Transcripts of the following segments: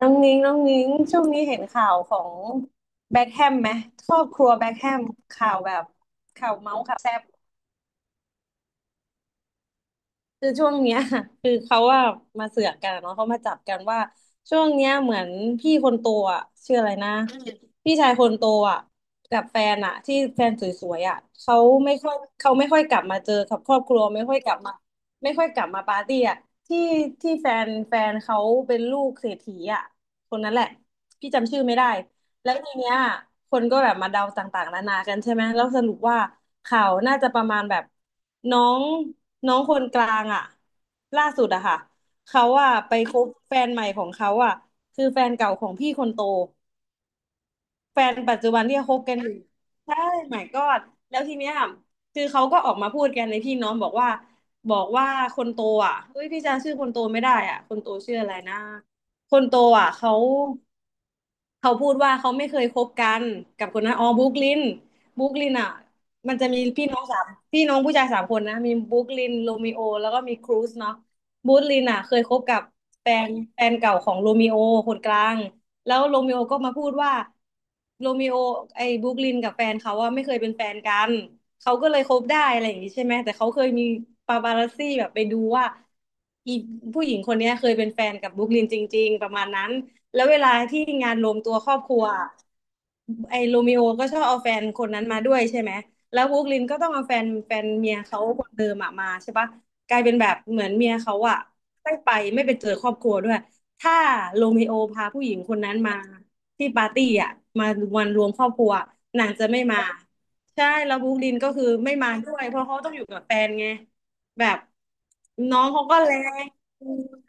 น้องนิ้งช่วงนี้เห็นข่าวของแบ็คแฮมไหมครอบครัวแบ็คแฮมข่าวแบบข่าวเมาส์ข่าวแซ่บคือช่วงเนี้ย คือเขาว่ามาเสือกกันเนาะเขามาจับกันว่าช่วงเนี้ยเหมือนพี่คนโตอ่ะชื่ออะไรนะพี่ชายคนโตอ่ะกับแฟนอ่ะที่แฟนสวยๆอ่ะเขาไม่ค่อยเขาไม่ค่อยกลับมาเจอกับครอบครัวไม่ค่อยกลับมาไม่ค่อยกลับมาปาร์ตี้อ่ะที่ที่แฟนเขาเป็นลูกเศรษฐีอ่ะคนนั้นแหละพี่จำชื่อไม่ได้ แล้วทีเนี้ยคนก็แบบมาเดาต่างๆนานากันใช่ไหมแล้วสรุปว่าข่าวน่าจะประมาณแบบน้องน้องคนกลางอ่ะล่าสุดอะค่ะ เขาอะไปคบแฟนใหม่ของเขาอะคือแฟนเก่าของพี่คนโต แฟนปัจจุบันที่คบกันอยู่ใช่ my god แล้วทีเนี้ยคือเขาก็ออกมาพูดกันในพี่น้องบอกว่าคนโตอ่ะเฮ้ยพี่จำชื่อคนโตไม่ได้อ่ะคนโตชื่ออะไรนะคนโตอ่ะเขาพูดว่าเขาไม่เคยคบกันกับคนนั้นอ๋อบุ๊กลินอ่ะมันจะมีพี่น้องสามพี่น้องผู้ชายสามคนนะมีบุ๊กลินโรมิโอแล้วก็มีครูซเนาะบุ๊กลินอ่ะเคยคบกับแฟนแฟนเก่าของโรมิโอคนกลาง แล้วโรมิโอก็มาพูดว่าโรมิโอไอ้บรูคลินกับแฟนเขาว่าไม่เคยเป็นแฟนกันเขาก็เลยคบได้อะไรอย่างนี้ใช่ไหมแต่เขาเคยมีปาปารัสซี่แบบไปดูว่าอีผู้หญิงคนเนี้ยเคยเป็นแฟนกับบรูคลินจริงๆประมาณนั้นแล้วเวลาที่งานรวมตัวครอบครัวไอ้โรมิโอก็ชอบเอาแฟนคนนั้นมาด้วยใช่ไหมแล้วบรูคลินก็ต้องเอาแฟนเมียเขาคนเดิมอะมาใช่ปะกลายเป็นแบบเหมือนเมียเขาอะตั้งไปไม่ไปเจอครอบครัวด้วย ถ้าโรมิโอพาผู้หญิงคนนั้นมาที่ปาร์ตี้อ่ะมาวันรวมครอบครัวนางจะไม่มาใช่แล้วบรูคลินก็คือไม่มาด้วยเพราะเขาต้องอยู่กับแฟนไงแบบน้องเขาก็แรงม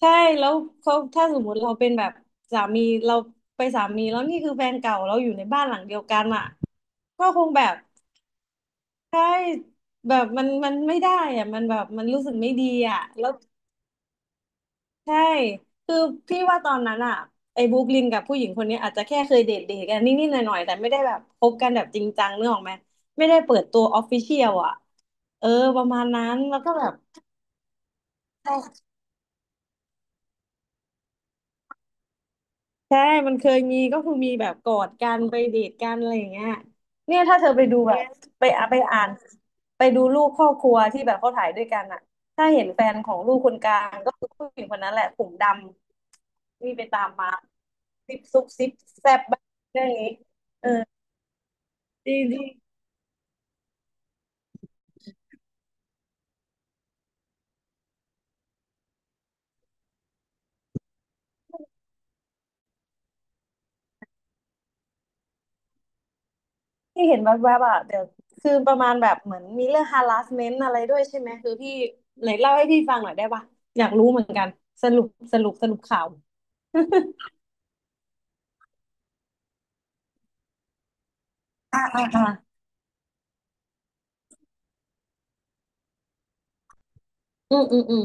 ใช่แล้วเขาถ้าสมมติเราเป็นแบบสามีเราไปสามีแล้วนี่คือแฟนเก่าเราอยู่ในบ้านหลังเดียวกันอ่ะก็คงแบบใช่แบบมันไม่ได้อ่ะมันแบบมันรู้สึกไม่ดีอ่ะแล้ว ใช่ คือพี่ว่าตอนนั้นอะไอ้บรูคลินกับผู้หญิงคนนี้อาจจะแค่เคยเดทกันนิดๆหน่อยๆแต่ไม่ได้แบบคบกันแบบจริงจังเนื้อออกไหมไม่ได้เปิดตัวออฟฟิเชียลอะเออประมาณนั้นแล้วก็แบบ ใช่ มันเคยมีก็คือมีแบบกอดกันไปเดทกันอะไรอย่างเงี้ยเนี่ยถ้าเธอไปดูแบบไปอ่ะไปอ่านไปดูรูปครอบครัวที่แบบเขาถ่ายด้วยกันอะถ้าเห็นแฟนของลูกคนกลางก็คือผู้หญิงคนนั้นแหละผมดำนี่ไปตามมาซิปซุบซิปแซบบ้างเรื่องนี้เออจริงจริงที่เห็นแวบๆอ่ะเดี๋ยวคือประมาณแบบเหมือนมีเรื่อง harassment อะไรด้วยใช่ไหมคือพี่ไหนเล่าให้พี่ฟังหน่อยได้ปะอยากรู้เหมือนกันสรุปสรุปข่าวอ่าอ่า อืมอืมอืม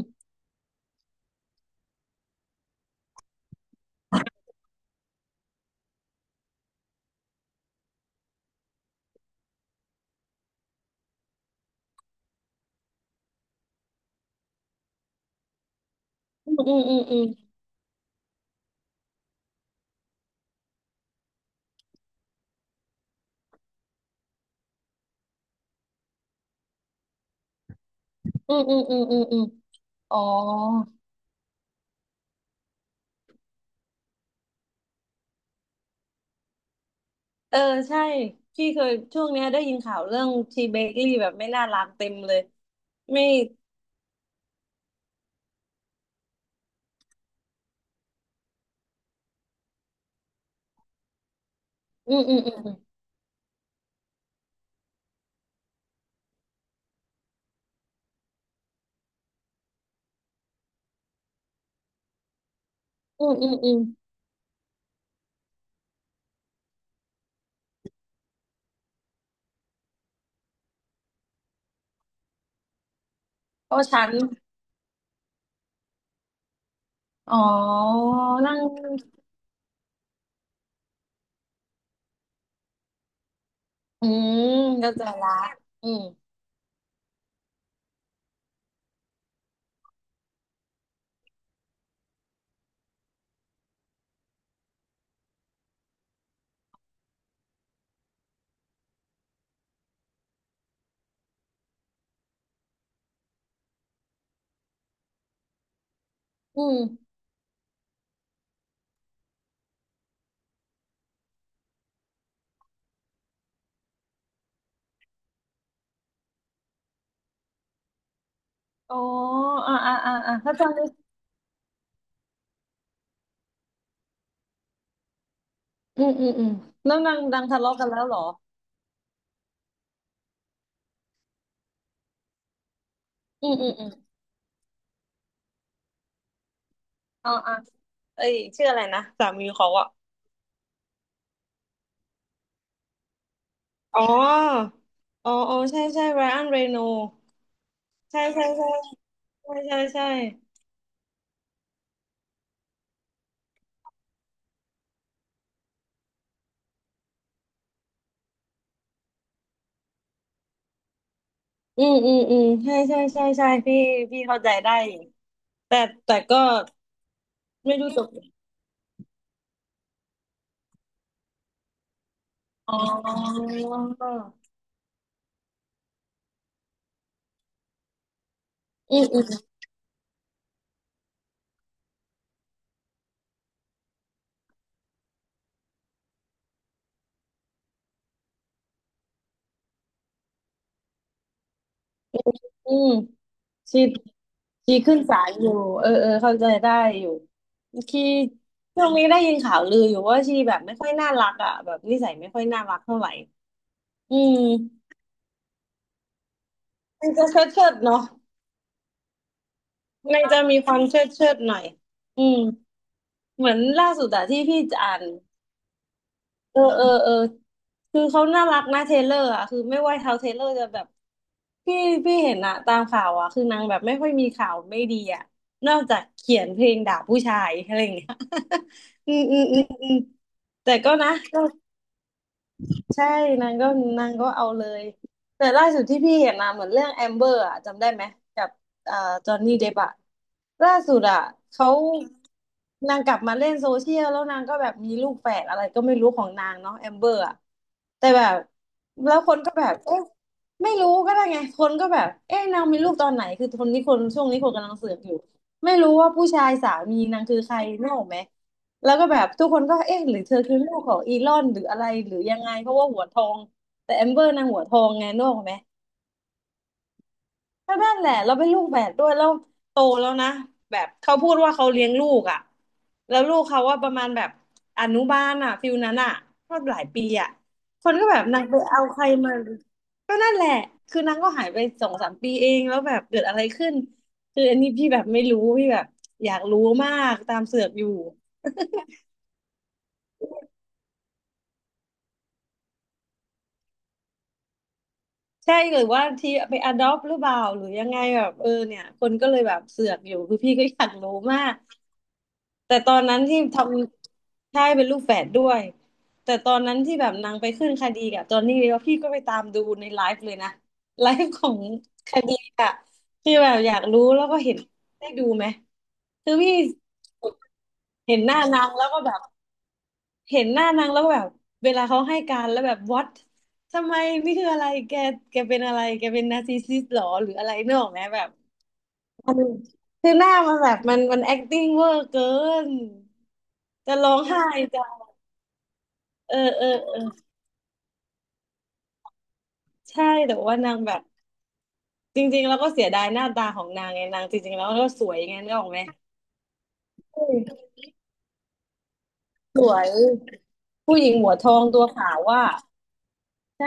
อืมอืมอืมอืมอืมอืมอืมอืมอืมอ๋อเออใช่พี่เคยช่วงเนี้ยได้ยินข่าวเรื่องทีเบเกอรี่แบบไม่น่ารักเต็มเลยไม่อืมอืมอืมอืมอืมอืมเพราะฉันอ๋อนั่งอืมเข้าใจละอืมอืมอ๋ออ่าอ่าอ่าอ่าเข้าใจเลยอืมอืมอืมนื่งนังดังทะเลาะกันแล้วเหรออืมอืมอืมอ๋ออ่าเอ้ยชื่ออะไรนะสามีเขาอะ อ๋ออ๋ออ๋อใช่ใช่ไบรอันเรโนใช่ใช่ใช่ใช่ใช่ใช่อืมอืมอืมใช่ใช่ใช่ใช่พี่พี่เข้าใจได้อยู่แต่แต่ก็ไม่รู้จบอ๋ออืมอืมอืมชีชีขึ้นศาลอยู่เออเออเข้าใจได้อยู่ชีช่วงนี้ได้ยินข่าวลืออยู่ว่าชีแบบไม่ค่อยน่ารักอ่ะแบบนิสัยไม่ค่อยน่ารักเท่าไหร่อืมมันจะเชิดเนาะ มันจะมีความเชิดหน่อยอืมเหมือนล่าสุดอะที่พี่จะอ่านเออเออเออคือเขาน่ารักนะเทเลอร์อะคือไม่ว่าเท้าเทเลอร์จะแบบพี่พี่เห็นอะตามข่าวอะคือนางแบบไม่ค่อยมีข่าวไม่ดีอะนอกจากเขียนเพลงด่าผู้ชายอะไรอย่างเงี้ย อืมอืมอืมอืมแต่ก็นะ ใช่นางก็เอาเลยแต่ล่าสุดที่พี่เห็นนะเหมือนเรื่องแอมเบอร์อะจำได้ไหมกับเอ่อจอห์นนี่เดปอะล่าสุดอะเขานางกลับมาเล่นโซเชียลแล้วนางก็แบบมีลูกแฝดอะไรก็ไม่รู้ของนางเนาะแอมเบอร์อะแต่แบบแล้วคนก็แบบเอ๊ะไม่รู้ก็ได้ไงคนก็แบบเอ๊ะนางมีลูกตอนไหนคือคนนี้คนช่วงนี้คนกำลังเสือกอยู่ไม่รู้ว่าผู้ชายสามีนางคือใครนึกออกไหม แล้วก็แบบทุกคนก็เอ๊ะหรือเธอคือลูกของอีลอนหรืออะไรหรือยังไงเพราะว่าหัวทองแต่แอมเบอร์นางหัวทองไงนึกออกไหมก็นั่นแหละเราเป็นลูกแฝดด้วยแล้วโตแล้วนะแบบเขาพูดว่าเขาเลี้ยงลูกอ่ะแล้วลูกเขาว่าประมาณแบบอนุบาลอ่ะฟิลนั้นอ่ะก็หลายปีอ่ะคนก็แบบนางไปเอาใครมาก็นั่นแหละคือนางก็หายไปสองสามปีเองแล้วแบบเกิดอะไรขึ้นคืออันนี้พี่แบบไม่รู้พี่แบบอยากรู้มากตามเสือกอยู่ ใช่หรือว่าทีไปอดอ t หรือเปล่าหรือยังไงแบบเออเนี่ยคนก็เลยแบบเสือกอยู่คือพี่ก็อยากรู้มากแต่ตอนนั้นที่ทำใช่เป็นลูกแฝดด้วยแต่ตอนนั้นที่แบบนางไปขึ้นคดีกับจอห์นนี่แล้วพี่ก็ไปตามดูในไลฟ์เลยนะไลฟ์ของคดีอะที่แบบอยากรู้แล้วก็เห็นได้ดูไหมคือพี่เห็นหน้านางแล้วก็แบบ เห็นหน้านางแล้วแบบเวลาเขาให้การแล้วแบบ what ทำไมนี่คืออะไรแกแกเป็นอะไรแกเป็นนาร์ซิสซิสหรอหรืออะไรเนกออกไหมแบบมันคือหน้ามันแบบมัน acting เวอร์เกินจะร้องไห้จะเออเออเออใช่แต่ว่านางแบบจริงๆแล้วก็เสียดายหน้าตาของนางไงนางจริงๆแล้วก็สวยไงนึกออกไหมอืมสวยผู้หญิงหัวทองตัวขาวว่าใช่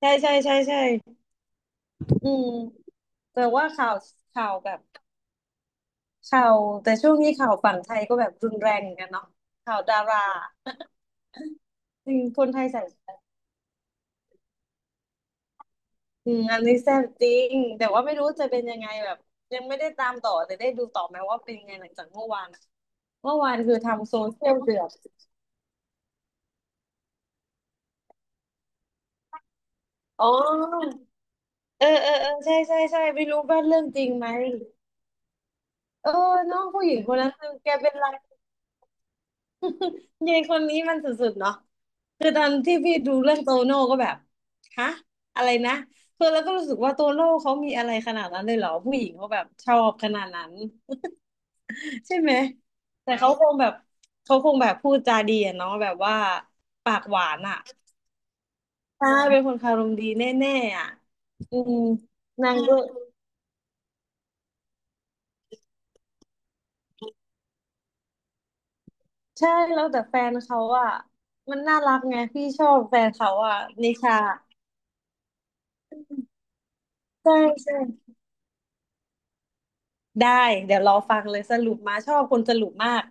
ใช่ใช่ใช่ใช่อืมแต่ว่าข่าวแบบ ข่าวแต่ช่วงนี้ข่าวฝั่งไทยก็แบบรุนแรงเหมือนกันเนาะข่าวดาราจริงคนไทยใส่อืมอันนี้แซ่บจริงแต่ว่าไม่รู้จะเป็นยังไงแบบยังไม่ได้ตามต่อแต่ได้ดูต่อไหมว่าเป็นยังไงหลังจากเมื่อวานอะเมื่อวานคือทำโซเชียลเดือดอ๋อเออเออเออใช่ใช่ใช่ไม่รู้ว่าเรื่องจริงไหมเออน้องผู้หญิงคนนั้นคือแกเป็นไร ยายคนนี้มันสุดๆเนาะคือตอนที่พี่ดูเรื่องโตโน่ก็แบบฮะอะไรนะคือแล้วก็รู้สึกว่าโตโน่เขามีอะไรขนาดนั้นเลยเหรอผู้หญิงเขาแบบชอบขนาดนั้นใช่ไหมแต่เขาคงแบบพูดจาดีอะเนาะแบบว่าปากหวานอะใช่เป็นคนคารมดีแน่ๆอะอืมนางก็ใช่แล้วแต่แฟนเขาอะมันน่ารักไงพี่ชอบแฟนเขาอะนิชาใช่ใช่ ได้เดี๋ยวรอฟังเลยสรุปมาชอบคนสรุปมาก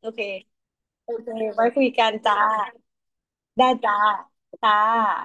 โอเคโอเคไว้คุยกันจ้าได้จ้าจ้า